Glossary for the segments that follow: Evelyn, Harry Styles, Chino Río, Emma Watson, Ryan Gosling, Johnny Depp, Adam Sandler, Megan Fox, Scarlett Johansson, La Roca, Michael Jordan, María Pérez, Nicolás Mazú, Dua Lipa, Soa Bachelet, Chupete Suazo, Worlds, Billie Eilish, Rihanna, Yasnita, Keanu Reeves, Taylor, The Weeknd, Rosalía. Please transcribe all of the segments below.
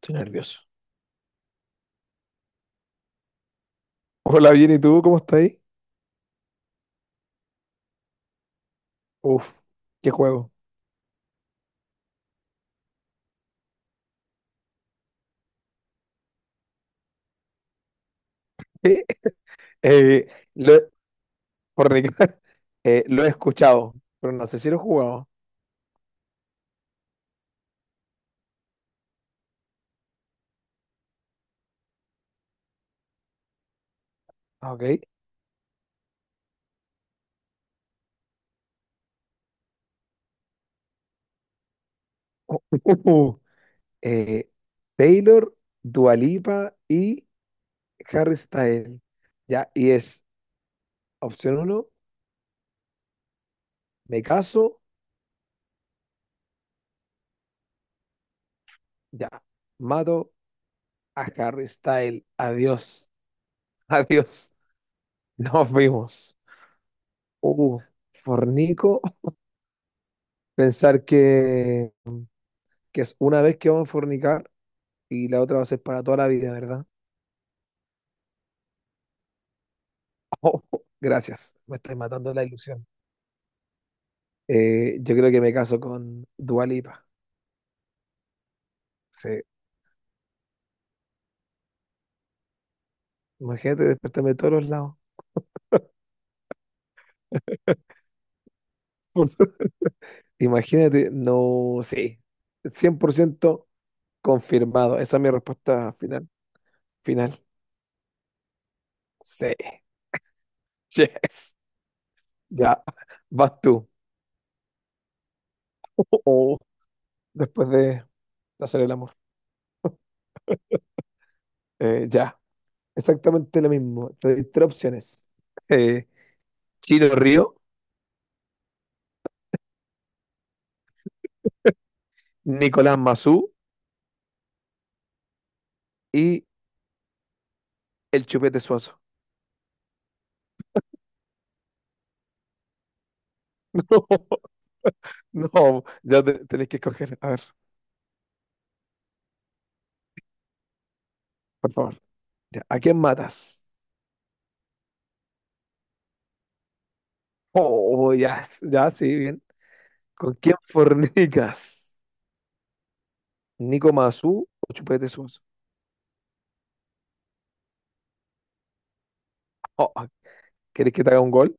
Estoy nervioso. Hola, bien, ¿y tú? ¿Cómo estás ahí? Uf, qué juego. Eh, eh, lo, por Ricardo, lo he escuchado, pero no sé si lo he jugado. Ah, ok. Eh, Taylor, Dua Lipa y Harry Styles. Ya, y es opción uno, me caso, ya, mato a Harry Styles. Adiós, adiós, nos vimos. Uh, Fornico, pensar que es una vez que vamos a fornicar y la otra va a ser para toda la vida, ¿verdad? Oh, gracias, me estáis matando la ilusión. Yo creo que me caso con Dua Lipa. Sí. Imagínate despertarme de todos los lados. Imagínate, no, sí, 100% confirmado. Esa es mi respuesta final. Final, sí, yes, ya, vas tú. Después de hacer el amor. Eh, ya, Exactamente lo mismo. Te doy tres opciones: Eh, Chino Río, Nicolás Mazú y el Chupete Suazo. No, no, tenéis que escoger. A ver, por favor. Ya, ¿a quién matas? Oh, ya, ya, sí, bien. ¿Con quién fornicas? ¿Nico Mazú o Chupete Suazo? Oh, ah, ¿Querés que te haga un gol?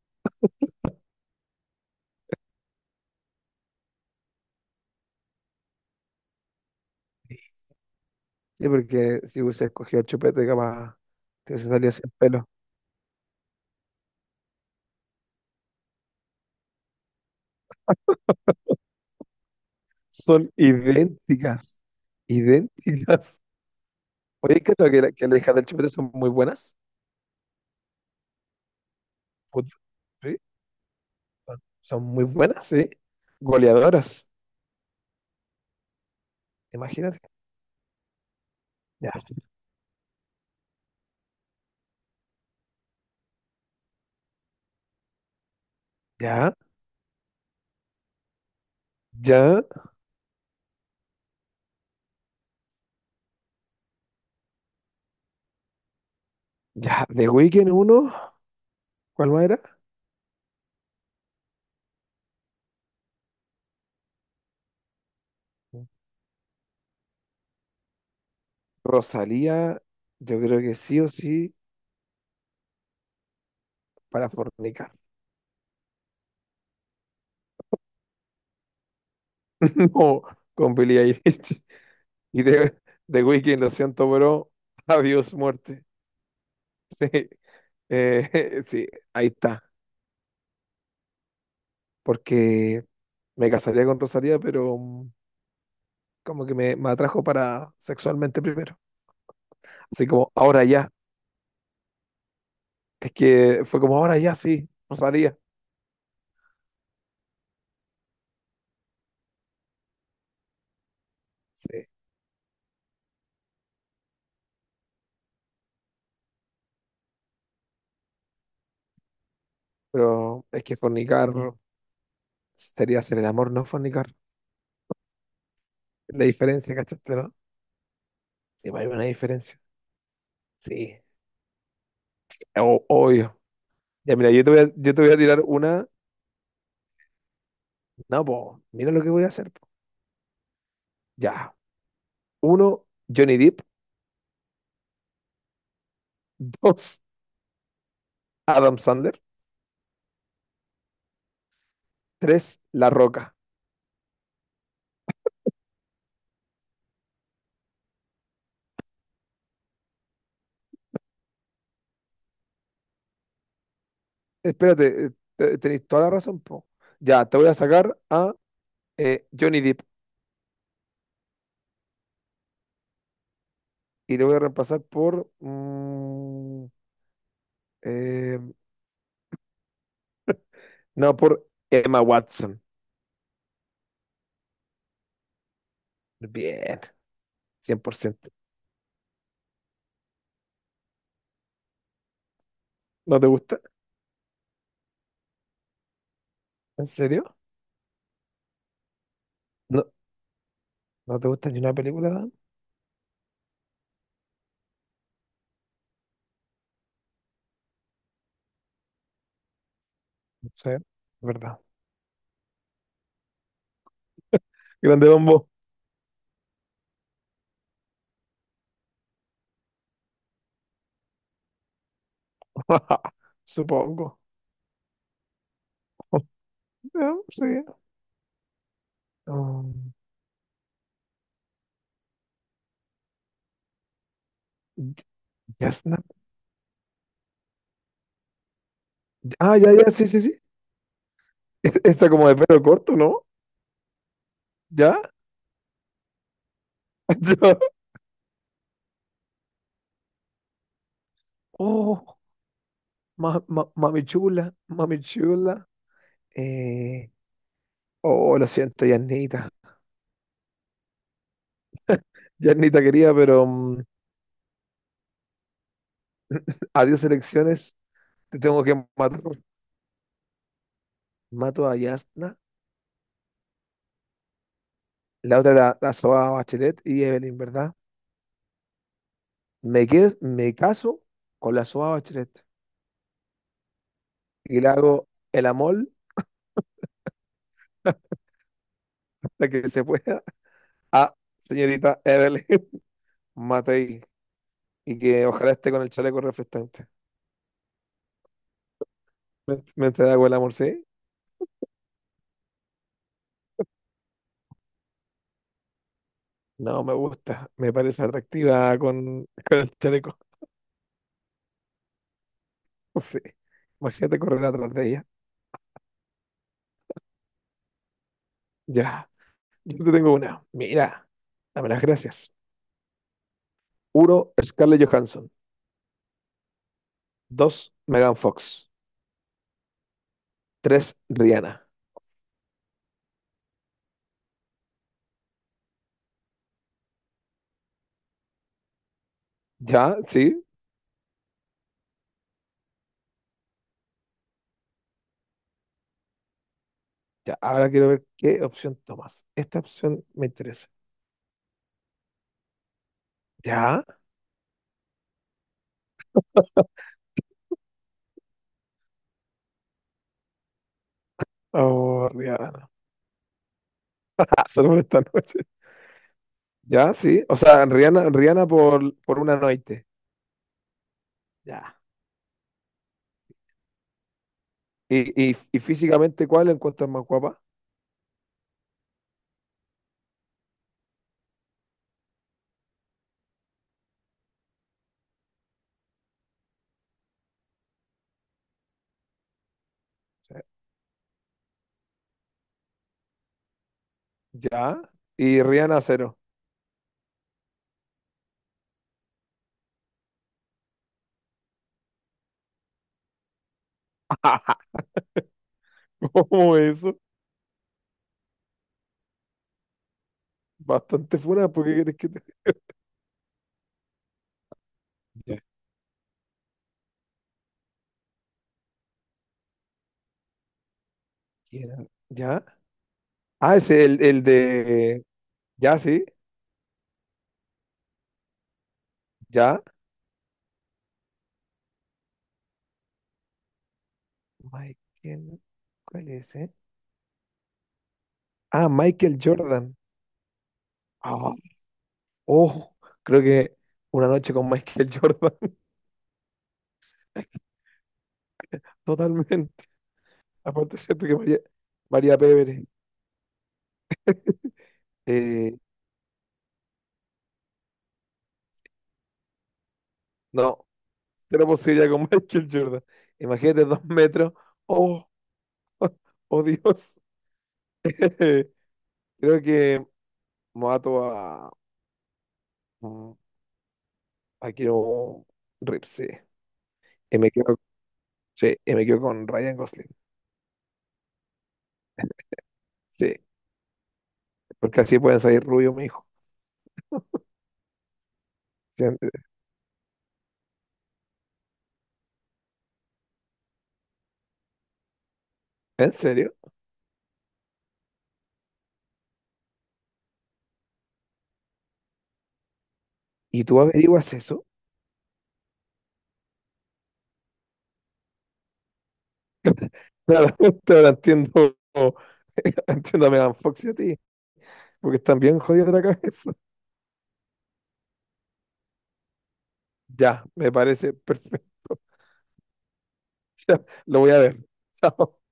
Sí, porque si hubiese escogido el Chupete, capaz te hubiese salido sin pelo. Son idénticas. Idénticas. Oye, ¿cachai que las hijas del Chupete son muy buenas? Puta, ¿sí? Son muy buenas, sí. Goleadoras. Imagínate. Ya, ya, ya, ya. The Weeknd uno, ¿cuál más era? Rosalía, yo creo que sí o sí para fornicar. No, con Billie Eilish. Y The, The Weeknd, lo siento, bro. Adiós, muerte. Sí, sí, ahí está. Porque me casaría con Rosalía, pero como que me atrajo para sexualmente primero. Así como ahora ya. Es que fue como ahora ya sí, no sabía. Sí. Pero es que fornicar sería hacer el amor, no fornicar. La diferencia, ¿cachaste, no? Sí, pues hay una diferencia. Sí, obvio. Ya, mira, yo te voy a tirar una. No, po, mira lo que voy a hacer, po. Ya. Uno, Johnny Depp. Dos, Adam Sandler. Tres, La Roca. Espérate, tenéis toda la razón, po. Ya, te voy a sacar a Johnny Depp y lo voy a reemplazar por eh, no, por Emma Watson. Bien, 100%. ¿No te gusta? ¿En serio? No, ¿no te gusta ni una película, Dan? No sé, es verdad. Grande Bombo. Supongo. Ya, sí. Um, Yasna- Ah, ya, ya, sí, sí, sí. Está como de pelo corto, ¿no? ¿Ya? Yo- Oh, mami chula, mami chula. Eh, oh, lo siento, Yasnita. Yasnita quería, pero adiós elecciones. Te tengo que matar Mato a Yasna, la otra era la Soa Bachelet y Evelyn, ¿verdad? Me caso con la Soa Bachelet y le hago el amor hasta que se pueda a señorita Evelyn Matei, y que ojalá esté con el chaleco reflectante. Me entrega el amor, sí? No, me gusta, me parece atractiva con, con el chaleco, sí. Imagínate correr atrás de ella. Ya, yo te tengo una. Mira, dame las gracias. Uno, Scarlett Johansson. Dos, Megan Fox. Tres, Rihanna. Ya, sí. Ya, ahora quiero ver qué opción tomas. Esta opción me interesa. Ya. Oh, Rihanna. Ah, solo por esta noche. Ya, sí. O sea, Rihanna, Rihanna por una noche. Ya. ¿Y físicamente cuál la encuentras más guapa? Sí. Ya. Y Rihanna cero. ¿Cómo eso? Bastante funa, ¿por qué querés que te... Ya. ¿Quién era? ¿Ya? Ah, es el de... Ya, sí. Ya. Mike, ¿quién? ¿Cuál es, eh? Ah, Michael Jordan. Ah, oh, creo que una noche con Michael Jordan. Totalmente. Aparte, siento que María Pérez. eh, no, cero posibilidad con Michael Jordan. Imagínate 2 metros. Oh, oh Dios. Creo que mato a. mm, a Keanu Reeves, sí. Y me quedo, sí, y me quedo con Ryan Gosling. Sí, porque así pueden salir rubios, mi hijo. ¿En serio? ¿Y tú averiguas eso? Claro, ahora entiendo, entiendo a Megan Fox y a ti, porque están bien jodidos de la cabeza. Ya, me parece perfecto. Lo voy a ver. Chao.